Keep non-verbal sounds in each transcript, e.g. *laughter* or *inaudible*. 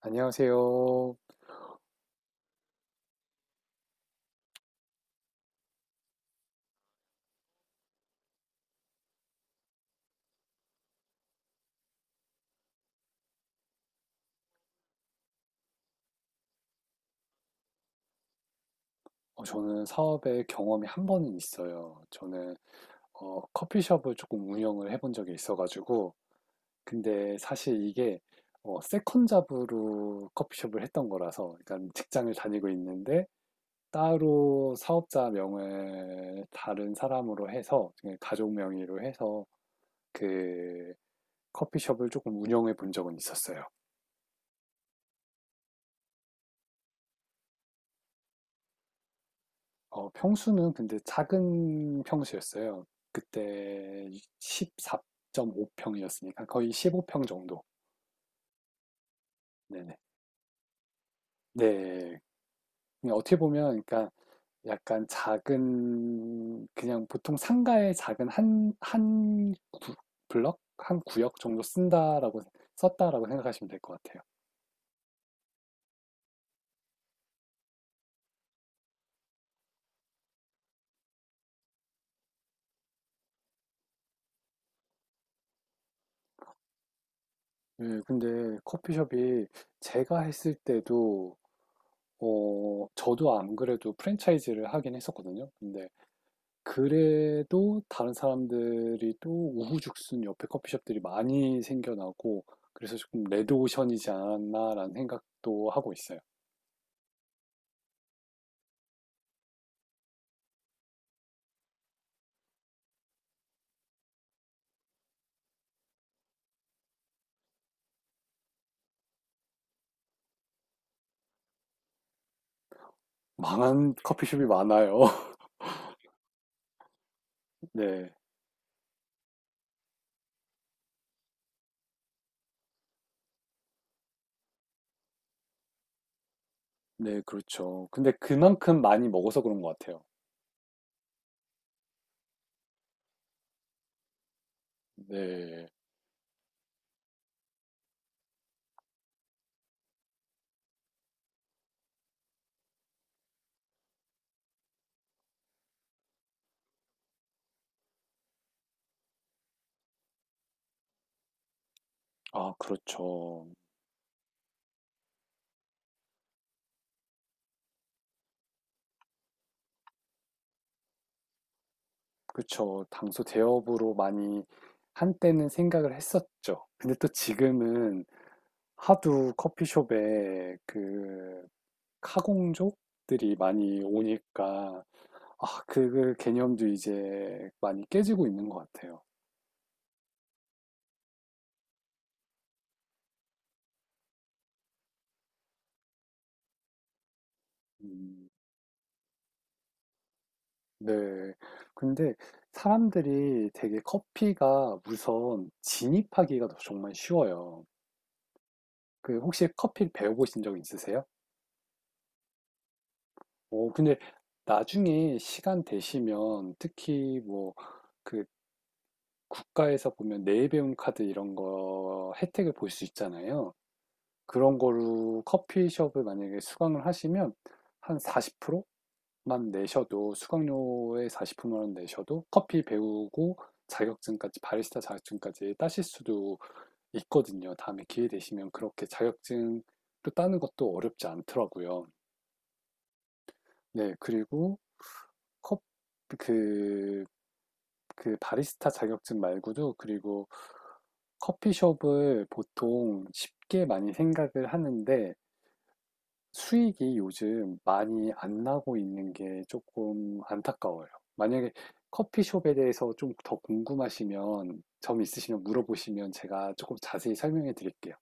안녕하세요. 저는 사업에 경험이 한 번은 있어요. 저는 커피숍을 조금 운영을 해본 적이 있어가지고, 근데 사실 이게 세컨 잡으로 커피숍을 했던 거라서, 그러니까 직장을 다니고 있는데 따로 사업자 명을 다른 사람으로 해서, 그냥 가족 명의로 해서 그 커피숍을 조금 운영해 본 적은 있었어요. 평수는 근데 작은 평수였어요. 그때 14.5평이었으니까 거의 15평 정도. 네네. 네. 그냥 어떻게 보면, 그러니까 약간 작은, 그냥 보통 상가의 작은 한 블럭? 한 구역 정도 썼다라고 생각하시면 될 것 같아요. 네, 근데 커피숍이 제가 했을 때도, 저도 안 그래도 프랜차이즈를 하긴 했었거든요. 근데 그래도 다른 사람들이 또 우후죽순 옆에 커피숍들이 많이 생겨나고 그래서 조금 레드오션이지 않았나라는 생각도 하고 있어요. 망한 커피숍이 많아요. *laughs* 네, 네, 그렇죠. 근데 그만큼 많이 먹어서 그런 것 같아요. 네, 아, 그렇죠. 그렇죠. 당소 대업으로 많이 한때는 생각을 했었죠. 근데 또 지금은 하도 커피숍에 그 카공족들이 많이 오니까 아, 그 개념도 이제 많이 깨지고 있는 것 같아요. 음, 네. 근데 사람들이 되게 커피가 우선 진입하기가 더 정말 쉬워요. 그 혹시 커피 배워보신 적 있으세요? 오, 근데 나중에 시간 되시면 특히 뭐 그 국가에서 보면 내일 배움 카드 이런 거 혜택을 볼 수 있잖아요. 그런 거로 커피숍을 만약에 수강을 하시면 한 40%만 내셔도 수강료의 40%만 내셔도 커피 배우고 자격증까지 바리스타 자격증까지 따실 수도 있거든요. 다음에 기회 되시면 그렇게 자격증도 따는 것도 어렵지 않더라고요. 네, 그리고 컵, 그, 그 바리스타 자격증 말고도 그리고 커피숍을 보통 쉽게 많이 생각을 하는데 수익이 요즘 많이 안 나고 있는 게 조금 안타까워요. 만약에 커피숍에 대해서 좀 더 궁금하시면 점 있으시면 물어보시면 제가 조금 자세히 설명해 드릴게요.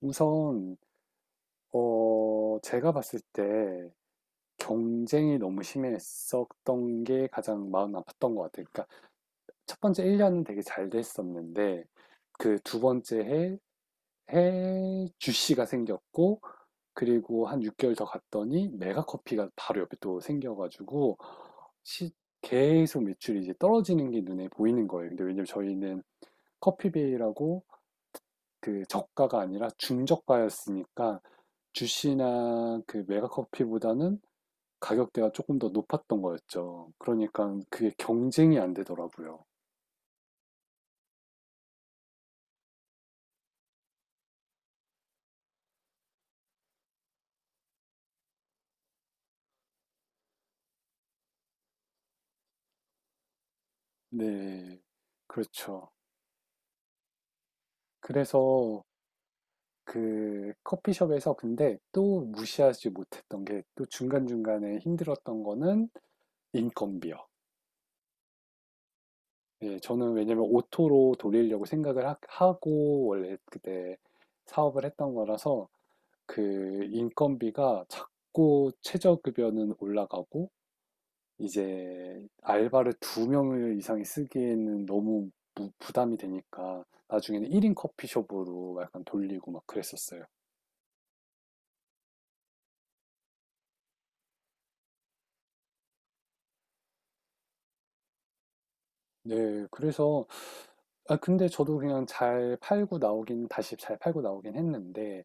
우선 제가 봤을 때 경쟁이 너무 심했었던 게 가장 마음 아팠던 것 같아요. 그러니까 첫 번째 1년 년은 되게 잘 됐었는데 그 두 번째 해 주씨가 생겼고 그리고 한 6개월 더 갔더니 메가커피가 바로 옆에 또 생겨가지고 시- 계속 매출이 이제 떨어지는 게 눈에 보이는 거예요. 근데 왜냐면 저희는 커피베이라고 그 저가가 아니라 중저가였으니까 주시나 그 메가커피보다는 가격대가 조금 더 높았던 거였죠. 그러니까 그게 경쟁이 안 되더라고요. 네, 그렇죠. 그래서 그 커피숍에서 근데 또 무시하지 못했던 게 또 중간중간에 힘들었던 거는 인건비요. 예, 저는 왜냐면 오토로 돌리려고 생각을 하, 고 원래 그때 사업을 했던 거라서 그 인건비가 자꾸 최저급여는 올라가고 이제 알바를 두 명 이상이 쓰기에는 너무 부담이 되니까 나중에는 1인 커피숍으로 약간 돌리고 막 그랬었어요. 네. 그래서 근데 저도 그냥 잘 팔고 나오긴 다시 잘 팔고 나오긴 했는데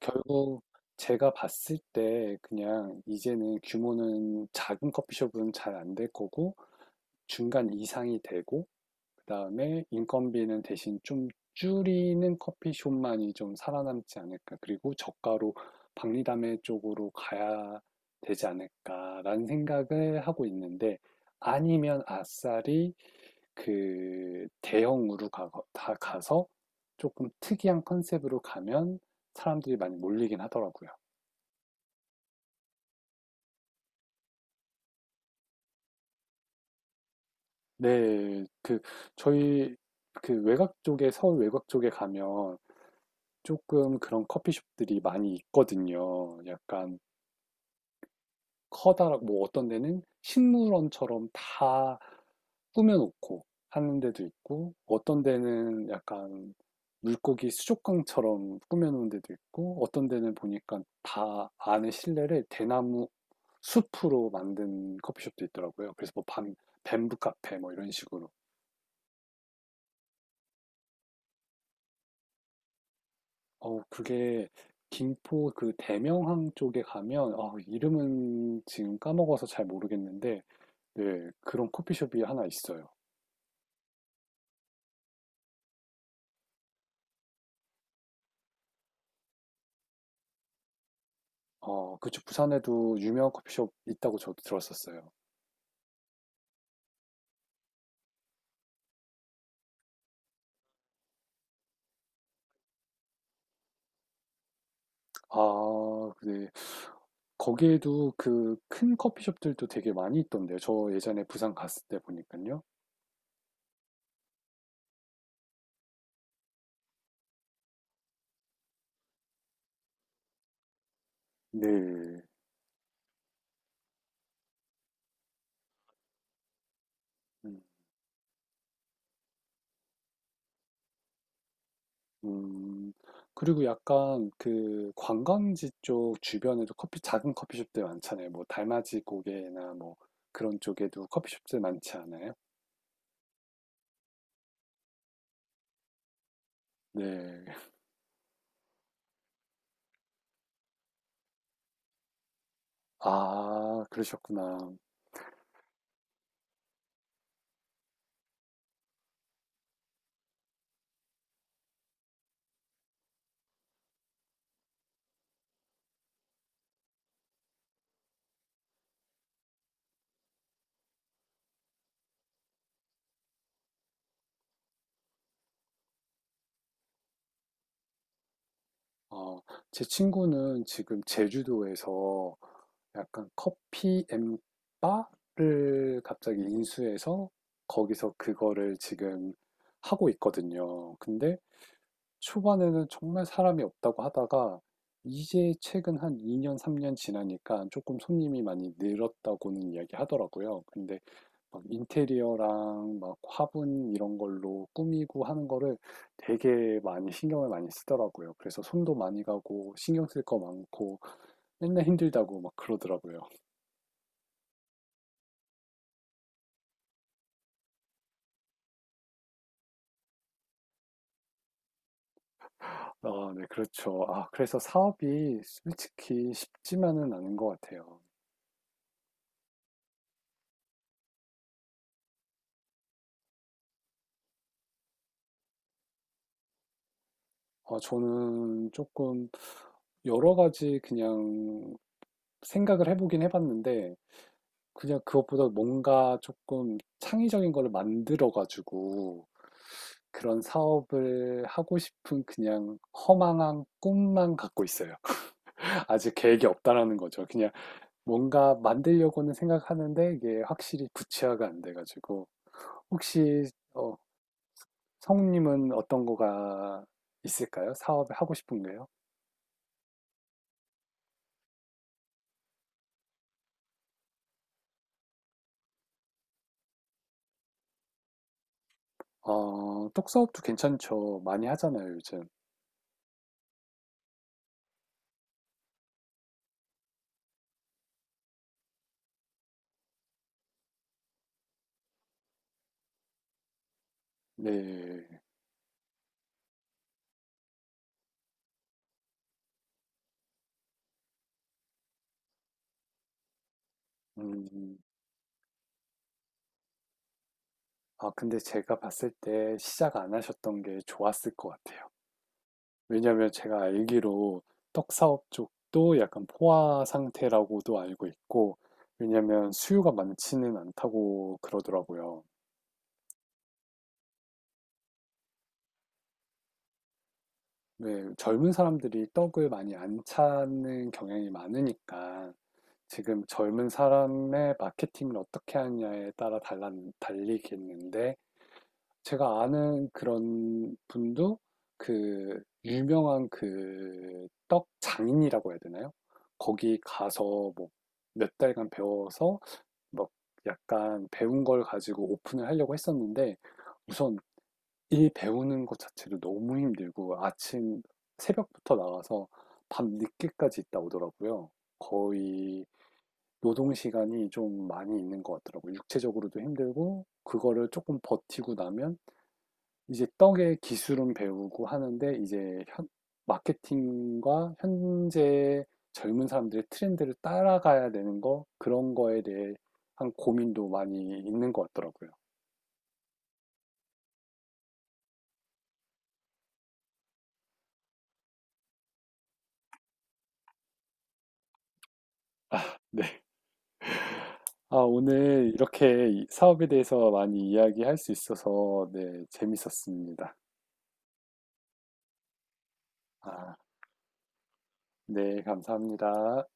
결국 제가 봤을 때 그냥 이제는 규모는 작은 커피숍은 잘 안될 거고 중간 이상이 되고 그다음에 인건비는 대신 좀 줄이는 커피숍만이 좀 살아남지 않을까. 그리고 저가로 박리담회 쪽으로 가야 되지 않을까라는 생각을 하고 있는데 아니면 아싸리 그 대형으로 가, 다 가서 조금 특이한 컨셉으로 가면 사람들이 많이 몰리긴 하더라고요. 네, 그 저희 그 외곽 쪽에 서울 외곽 쪽에 가면 조금 그런 커피숍들이 많이 있거든요. 약간 커다랗고 뭐 어떤 데는 식물원처럼 다 꾸며 놓고 하는 데도 있고 어떤 데는 약간 물고기 수족관처럼 꾸며 놓은 데도 있고 어떤 데는 보니까 다 안에 실내를 대나무 숲으로 만든 커피숍도 있더라고요. 그래서 뭐 밤 뱀부 카페 뭐 이런 식으로. 그게 김포 그 대명항 쪽에 가면, 아, 이름은 지금 까먹어서 잘 모르겠는데, 네, 그런 커피숍이 하나 있어요. 그쪽 부산에도 유명한 커피숍 있다고 저도 들었었어요. 아, 네. 거기에도 그 큰 커피숍들도 되게 많이 있던데요. 저 예전에 부산 갔을 때 보니까요. 네. 음. 음, 그리고 약간 그 관광지 쪽 주변에도 작은 커피숍들 많잖아요. 뭐 달맞이 고개나 뭐 그런 쪽에도 커피숍들 많지 않아요? 네. 아, 그러셨구나. 어, 제 친구는 지금 제주도에서 약간 커피 앤 바를 갑자기 인수해서 거기서 그거를 지금 하고 있거든요. 근데 초반에는 정말 사람이 없다고 하다가 이제 최근 한 2년, 3년 지나니까 조금 손님이 많이 늘었다고는 이야기 하더라고요. 근데 막 인테리어랑 막 화분 이런 걸로 꾸미고 하는 거를 되게 많이 신경을 많이 쓰더라고요. 그래서 손도 많이 가고 신경 쓸 거 많고 맨날 힘들다고 막 그러더라고요. 아, 네, 그렇죠. 아, 그래서 사업이 솔직히 쉽지만은 않은 것 같아요. 아, 저는 조금 여러 가지 그냥 생각을 해보긴 해봤는데, 그냥 그것보다 뭔가 조금 창의적인 걸 만들어가지고 그런 사업을 하고 싶은 그냥 허망한 꿈만 갖고 있어요. *laughs* 아직 계획이 없다라는 거죠. 그냥 뭔가 만들려고는 생각하는데 이게 확실히 구체화가 안 돼가지고. 혹시, 어, 성우님은 어떤 거가 있을까요? 사업을 하고 싶은 게요? 떡사업도 괜찮죠. 많이 하잖아요, 요즘. 네. 음. 근데 제가 봤을 때 시작 안 하셨던 게 좋았을 것 같아요. 왜냐면 제가 알기로 떡사업 쪽도 약간 포화 상태라고도 알고 있고, 왜냐면 수요가 많지는 않다고 그러더라고요. 왜 젊은 사람들이 떡을 많이 안 찾는 경향이 많으니까 지금 젊은 사람의 마케팅을 어떻게 하냐에 따라 달리겠는데, 제가 아는 그런 분도 그 유명한 그 떡 장인이라고 해야 되나요? 거기 가서 뭐 몇 달간 배워서 막 약간 배운 걸 가지고 오픈을 하려고 했었는데 우선 이 배우는 것 자체도 너무 힘들고 아침 새벽부터 나와서 밤 늦게까지 있다 오더라고요. 거의 노동 시간이 좀 많이 있는 것 같더라고요. 육체적으로도 힘들고 그거를 조금 버티고 나면 이제 떡의 기술은 배우고 하는데 이제 마케팅과 현재 젊은 사람들의 트렌드를 따라가야 되는 거 그런 거에 대해 한 고민도 많이 있는 것 같더라고요. 네. 아, 오늘 이렇게 이 사업에 대해서 많이 이야기할 수 있어서 네, 재밌었습니다. 아, 네, 감사합니다.